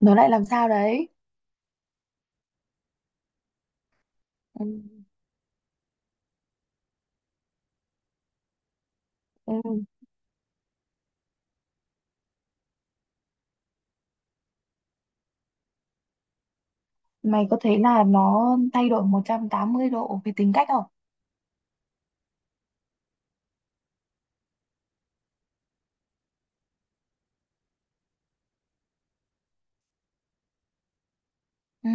Nó lại làm sao đấy? Ừ. Ừ. Mày có thấy là nó thay đổi 180 độ về tính cách không? Ừ.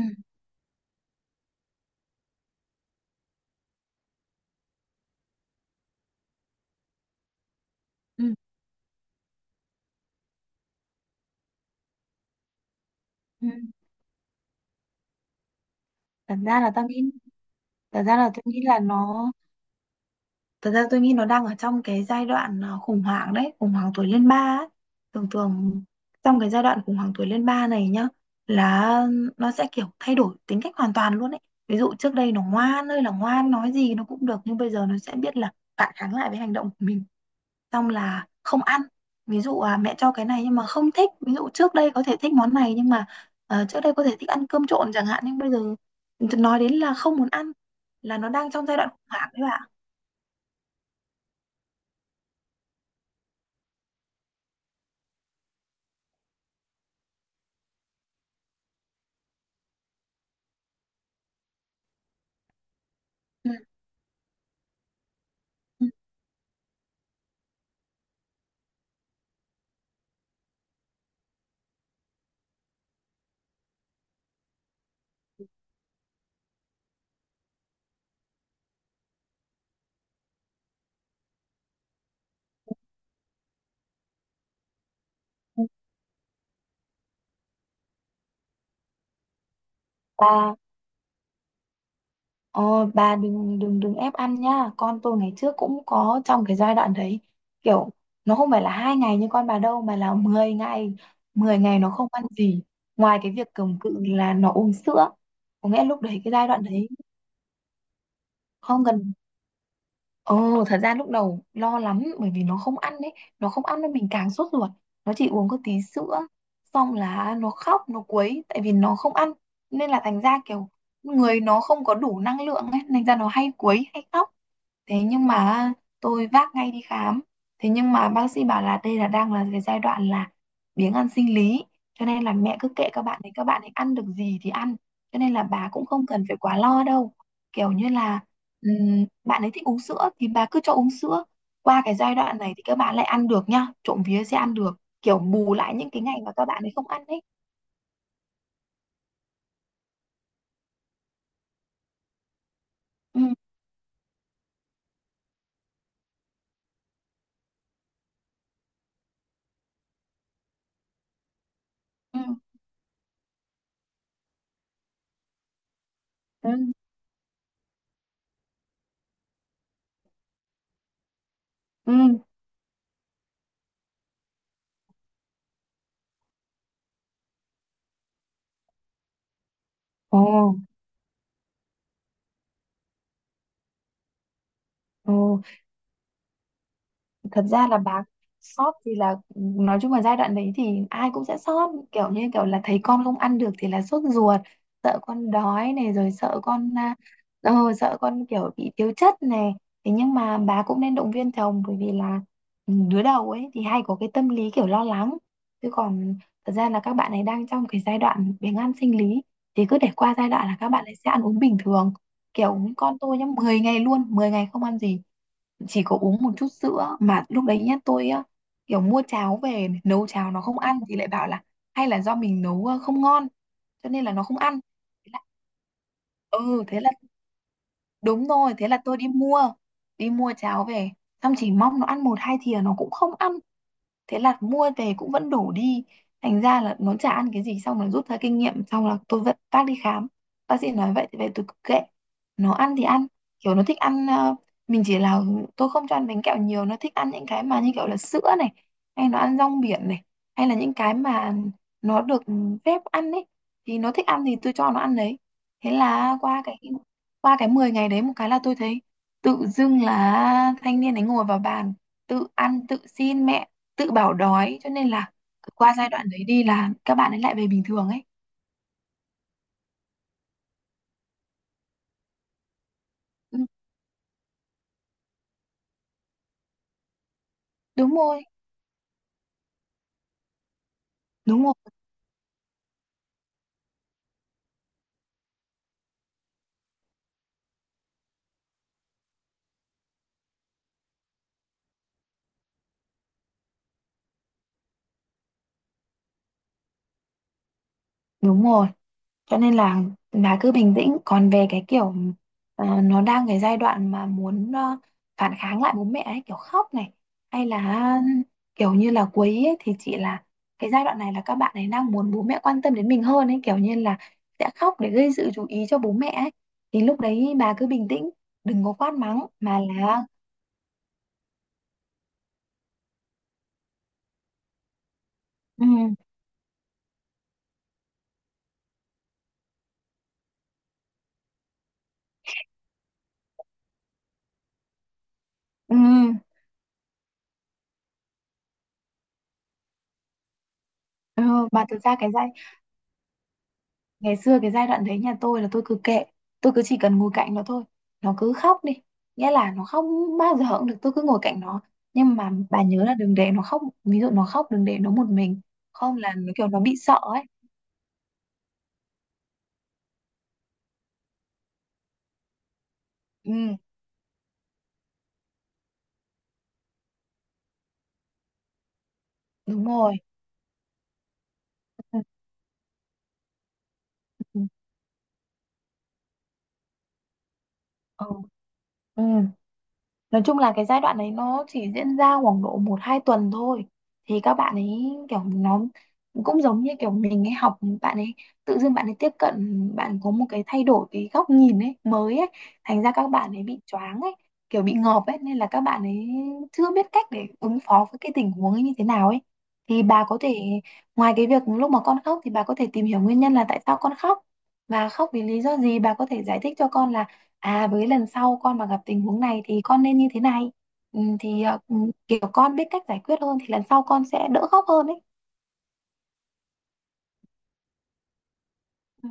Ừ. Ừ. Thật ra là tao nghĩ, thật ra là tôi nghĩ là nó, thật ra tôi nghĩ nó đang ở trong cái giai đoạn khủng hoảng đấy, khủng hoảng tuổi lên ba ấy. Thường thường trong cái giai đoạn khủng hoảng tuổi lên ba này nhá, là nó sẽ kiểu thay đổi tính cách hoàn toàn luôn ấy. Ví dụ trước đây nó ngoan ơi là ngoan, nói gì nó cũng được, nhưng bây giờ nó sẽ biết là phản kháng lại với hành động của mình, xong là không ăn. Ví dụ mẹ cho cái này nhưng mà không thích, ví dụ trước đây có thể thích món này nhưng mà trước đây có thể thích ăn cơm trộn chẳng hạn, nhưng bây giờ nói đến là không muốn ăn, là nó đang trong giai đoạn khủng hoảng đấy bạn. Ừ. Ừ, ừ. Bà, ờ, bà đừng đừng đừng ép ăn nha. Con tôi ngày trước cũng có trong cái giai đoạn đấy. Kiểu nó không phải là 2 ngày như con bà đâu mà là 10 ngày. Mười ngày nó không ăn gì. Ngoài cái việc cầm cự là nó uống sữa. Có nghĩa lúc đấy cái giai đoạn đấy không cần. Ồ, thật ra lúc đầu lo lắm, bởi vì nó không ăn đấy, nó không ăn nên mình càng sốt ruột. Nó chỉ uống có tí sữa, xong là nó khóc, nó quấy tại vì nó không ăn. Nên là thành ra kiểu người nó không có đủ năng lượng ấy, thành ra nó hay quấy hay khóc. Thế nhưng mà tôi vác ngay đi khám, thế nhưng mà bác sĩ bảo là đây là đang là cái giai đoạn là biếng ăn sinh lý, cho nên là mẹ cứ kệ các bạn, thì các bạn ấy ăn được gì thì ăn, cho nên là bà cũng không cần phải quá lo đâu. Kiểu như là bạn ấy thích uống sữa thì bà cứ cho uống sữa, qua cái giai đoạn này thì các bạn lại ăn được nhá, trộm vía sẽ ăn được, kiểu bù lại những cái ngày mà các bạn ấy không ăn ấy. Ừ. Ừ. Ừ. Ừ. Ồ. Ồ. Thật ra là bà, sót thì là nói chung là giai đoạn đấy thì ai cũng sẽ sót, kiểu như kiểu là thấy con không ăn được thì là sốt ruột, sợ con đói này, rồi sợ con ờ, sợ con kiểu bị thiếu chất này. Thế nhưng mà bà cũng nên động viên chồng, bởi vì là đứa đầu ấy thì hay có cái tâm lý kiểu lo lắng, chứ còn thật ra là các bạn ấy đang trong cái giai đoạn biếng ăn sinh lý, thì cứ để qua giai đoạn là các bạn ấy sẽ ăn uống bình thường. Kiểu con tôi nhá, 10 ngày luôn, 10 ngày không ăn gì, chỉ có uống một chút sữa. Mà lúc đấy nhá, tôi á, kiểu mua cháo về này, nấu cháo nó không ăn thì lại bảo là hay là do mình nấu không ngon, cho nên là nó không ăn. Thế là- ừ thế là, đúng rồi, thế là tôi đi mua, đi mua cháo về, xong chỉ mong nó ăn một hai thìa nó cũng không ăn. Thế là mua về cũng vẫn đủ đi, thành ra là nó chả ăn cái gì. Xong là rút ra kinh nghiệm, xong là tôi vẫn bác đi khám, bác sĩ nói vậy thì về tôi cứ kệ, nó ăn thì ăn. Kiểu nó thích ăn mình chỉ là, tôi không cho ăn bánh kẹo nhiều, nó thích ăn những cái mà như kiểu là sữa này, hay nó ăn rong biển này, hay là những cái mà nó được phép ăn ấy, thì nó thích ăn thì tôi cho nó ăn đấy. Thế là qua cái Qua cái 10 ngày đấy một cái là tôi thấy tự dưng là thanh niên ấy ngồi vào bàn, tự ăn, tự xin mẹ, tự bảo đói, cho nên là qua giai đoạn đấy đi là các bạn ấy lại về bình thường ấy. Ừ, đúng rồi. Đúng rồi. Đúng rồi. Cho nên là bà cứ bình tĩnh. Còn về cái kiểu nó đang cái giai đoạn mà muốn phản kháng lại bố mẹ ấy, kiểu khóc này, hay là kiểu như là quấy ấy, thì chị là cái giai đoạn này là các bạn ấy đang muốn bố mẹ quan tâm đến mình hơn ấy, kiểu như là sẽ khóc để gây sự chú ý cho bố mẹ ấy. Thì lúc đấy bà cứ bình tĩnh, đừng có quát mắng mà là, ừ, ừ. Ờ, mà thực ra cái giai, ngày xưa cái giai đoạn đấy nhà tôi là tôi cứ kệ, tôi cứ chỉ cần ngồi cạnh nó thôi, nó cứ khóc đi, nghĩa là nó không bao giờ cũng được, tôi cứ ngồi cạnh nó. Nhưng mà bà nhớ là đừng để nó khóc, ví dụ nó khóc đừng để nó một mình, không là nó kiểu nó bị sợ ấy. Ừ, đúng rồi. Ừ. Ừ. Ừ. Ừ. Nói chung là cái giai đoạn đấy nó chỉ diễn ra khoảng độ 1 2 tuần thôi, thì các bạn ấy kiểu nó cũng giống như kiểu mình ấy, học bạn ấy, tự dưng bạn ấy tiếp cận, bạn có một cái thay đổi cái góc nhìn ấy mới ấy, thành ra các bạn ấy bị choáng ấy, kiểu bị ngợp ấy, nên là các bạn ấy chưa biết cách để ứng phó với cái tình huống ấy như thế nào ấy. Thì bà có thể, ngoài cái việc lúc mà con khóc thì bà có thể tìm hiểu nguyên nhân là tại sao con khóc và khóc vì lý do gì, bà có thể giải thích cho con là với lần sau con mà gặp tình huống này thì con nên như thế này. ừ, thì ờ, ừ, Kiểu con biết cách giải quyết hơn thì lần sau con sẽ đỡ khóc hơn đấy. Ừ.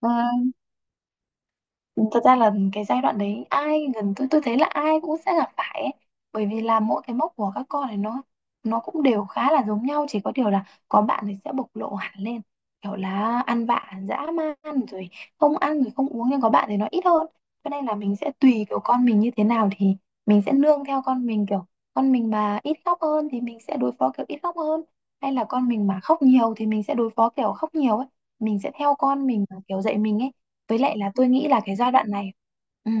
Ờ, thật ra là cái giai đoạn đấy ai gần tôi thấy là ai cũng sẽ gặp phải ấy. Bởi vì là mỗi cái mốc của các con này nó cũng đều khá là giống nhau, chỉ có điều là có bạn thì sẽ bộc lộ hẳn lên, kiểu là ăn vạ dã man rồi, không ăn rồi không uống, nhưng có bạn thì nó ít hơn. Cho nên là mình sẽ tùy kiểu con mình như thế nào thì mình sẽ nương theo con mình, kiểu con mình mà ít khóc hơn thì mình sẽ đối phó kiểu ít khóc hơn, hay là con mình mà khóc nhiều thì mình sẽ đối phó kiểu khóc nhiều ấy, mình sẽ theo con mình mà kiểu dạy mình ấy. Với lại là tôi nghĩ là cái giai đoạn này, ừ,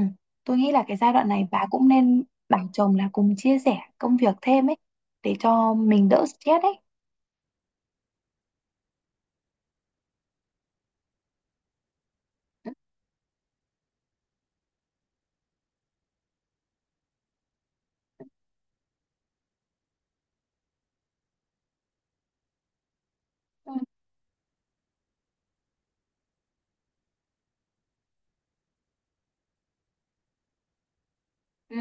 tôi nghĩ là cái giai đoạn này bà cũng nên bảo chồng là cùng chia sẻ công việc thêm ấy, để cho mình đỡ stress ấy. Ừ, ừ,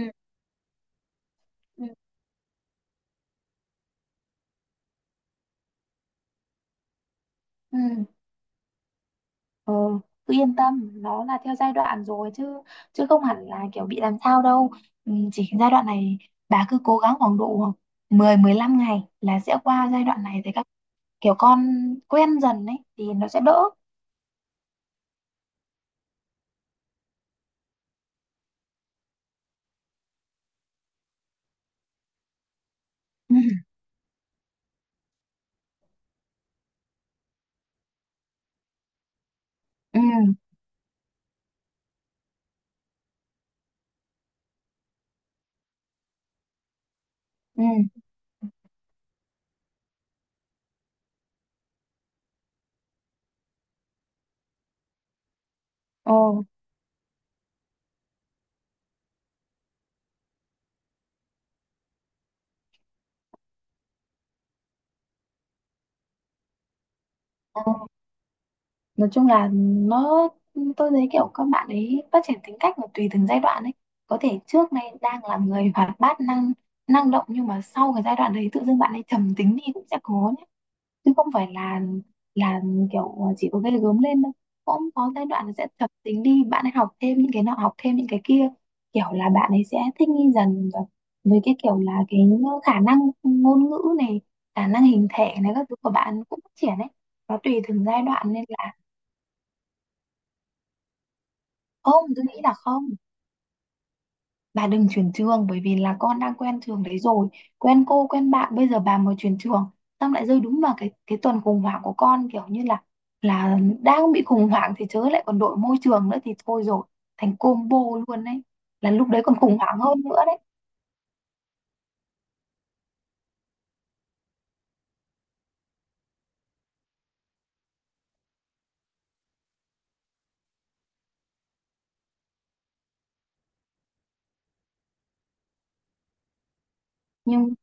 ừ, ừ. Ừ, cứ yên tâm, nó là theo giai đoạn rồi chứ, chứ không hẳn là kiểu bị làm sao đâu. Ừ, chỉ giai đoạn này bà cứ cố gắng khoảng độ 10 15 ngày là sẽ qua giai đoạn này, thì các, kiểu con quen dần ấy thì nó sẽ đỡ. Ừ. Ừ. Ừ. Ồ. Nói chung là nó, tôi thấy kiểu các bạn ấy phát triển tính cách là tùy từng giai đoạn ấy. Có thể trước nay đang là người hoạt bát, năng năng động nhưng mà sau cái giai đoạn đấy tự dưng bạn ấy trầm tính đi cũng sẽ có nhé, chứ không phải là là kiểu chỉ có gây gớm lên đâu. Cũng có giai đoạn là sẽ trầm tính đi, bạn ấy học thêm những cái nọ, học thêm những cái kia, kiểu là bạn ấy sẽ thích nghi dần. Và với cái kiểu là cái khả năng ngôn ngữ này, khả năng hình thể này, các thứ của bạn cũng phát triển ấy, nó tùy từng giai đoạn nên là, Không, tôi nghĩ là không. Bà đừng chuyển trường, bởi vì là con đang quen trường đấy rồi, quen cô, quen bạn. Bây giờ bà mà chuyển trường, xong lại rơi đúng vào cái tuần khủng hoảng của con, kiểu như là đang bị khủng hoảng thì chớ lại còn đổi môi trường nữa thì thôi rồi, thành combo luôn đấy. Là lúc đấy còn khủng hoảng hơn nữa đấy. Nhưng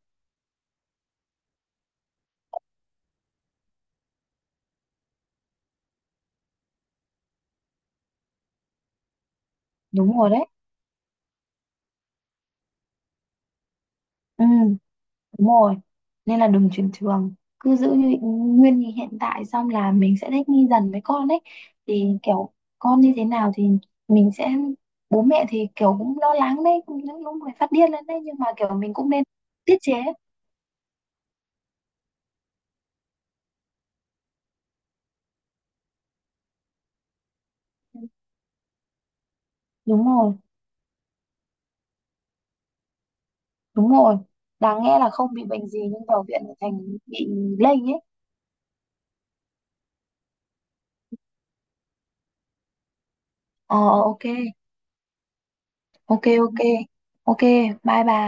đúng rồi đấy. Ừ, đúng rồi. Nên là đừng chuyển trường. Cứ giữ như nguyên như hiện tại, xong là mình sẽ thích nghi dần với con ấy. Thì kiểu con như thế nào thì mình sẽ, bố mẹ thì kiểu cũng lo lắng đấy, cũng những lúc người phát điên lên đấy, nhưng mà kiểu mình cũng nên tiết chế. Đúng rồi, đúng rồi. Đáng nghe là không bị bệnh gì nhưng vào viện lại thành bị lây ấy. Ờ, ok, ok ok. Ok, bye bà.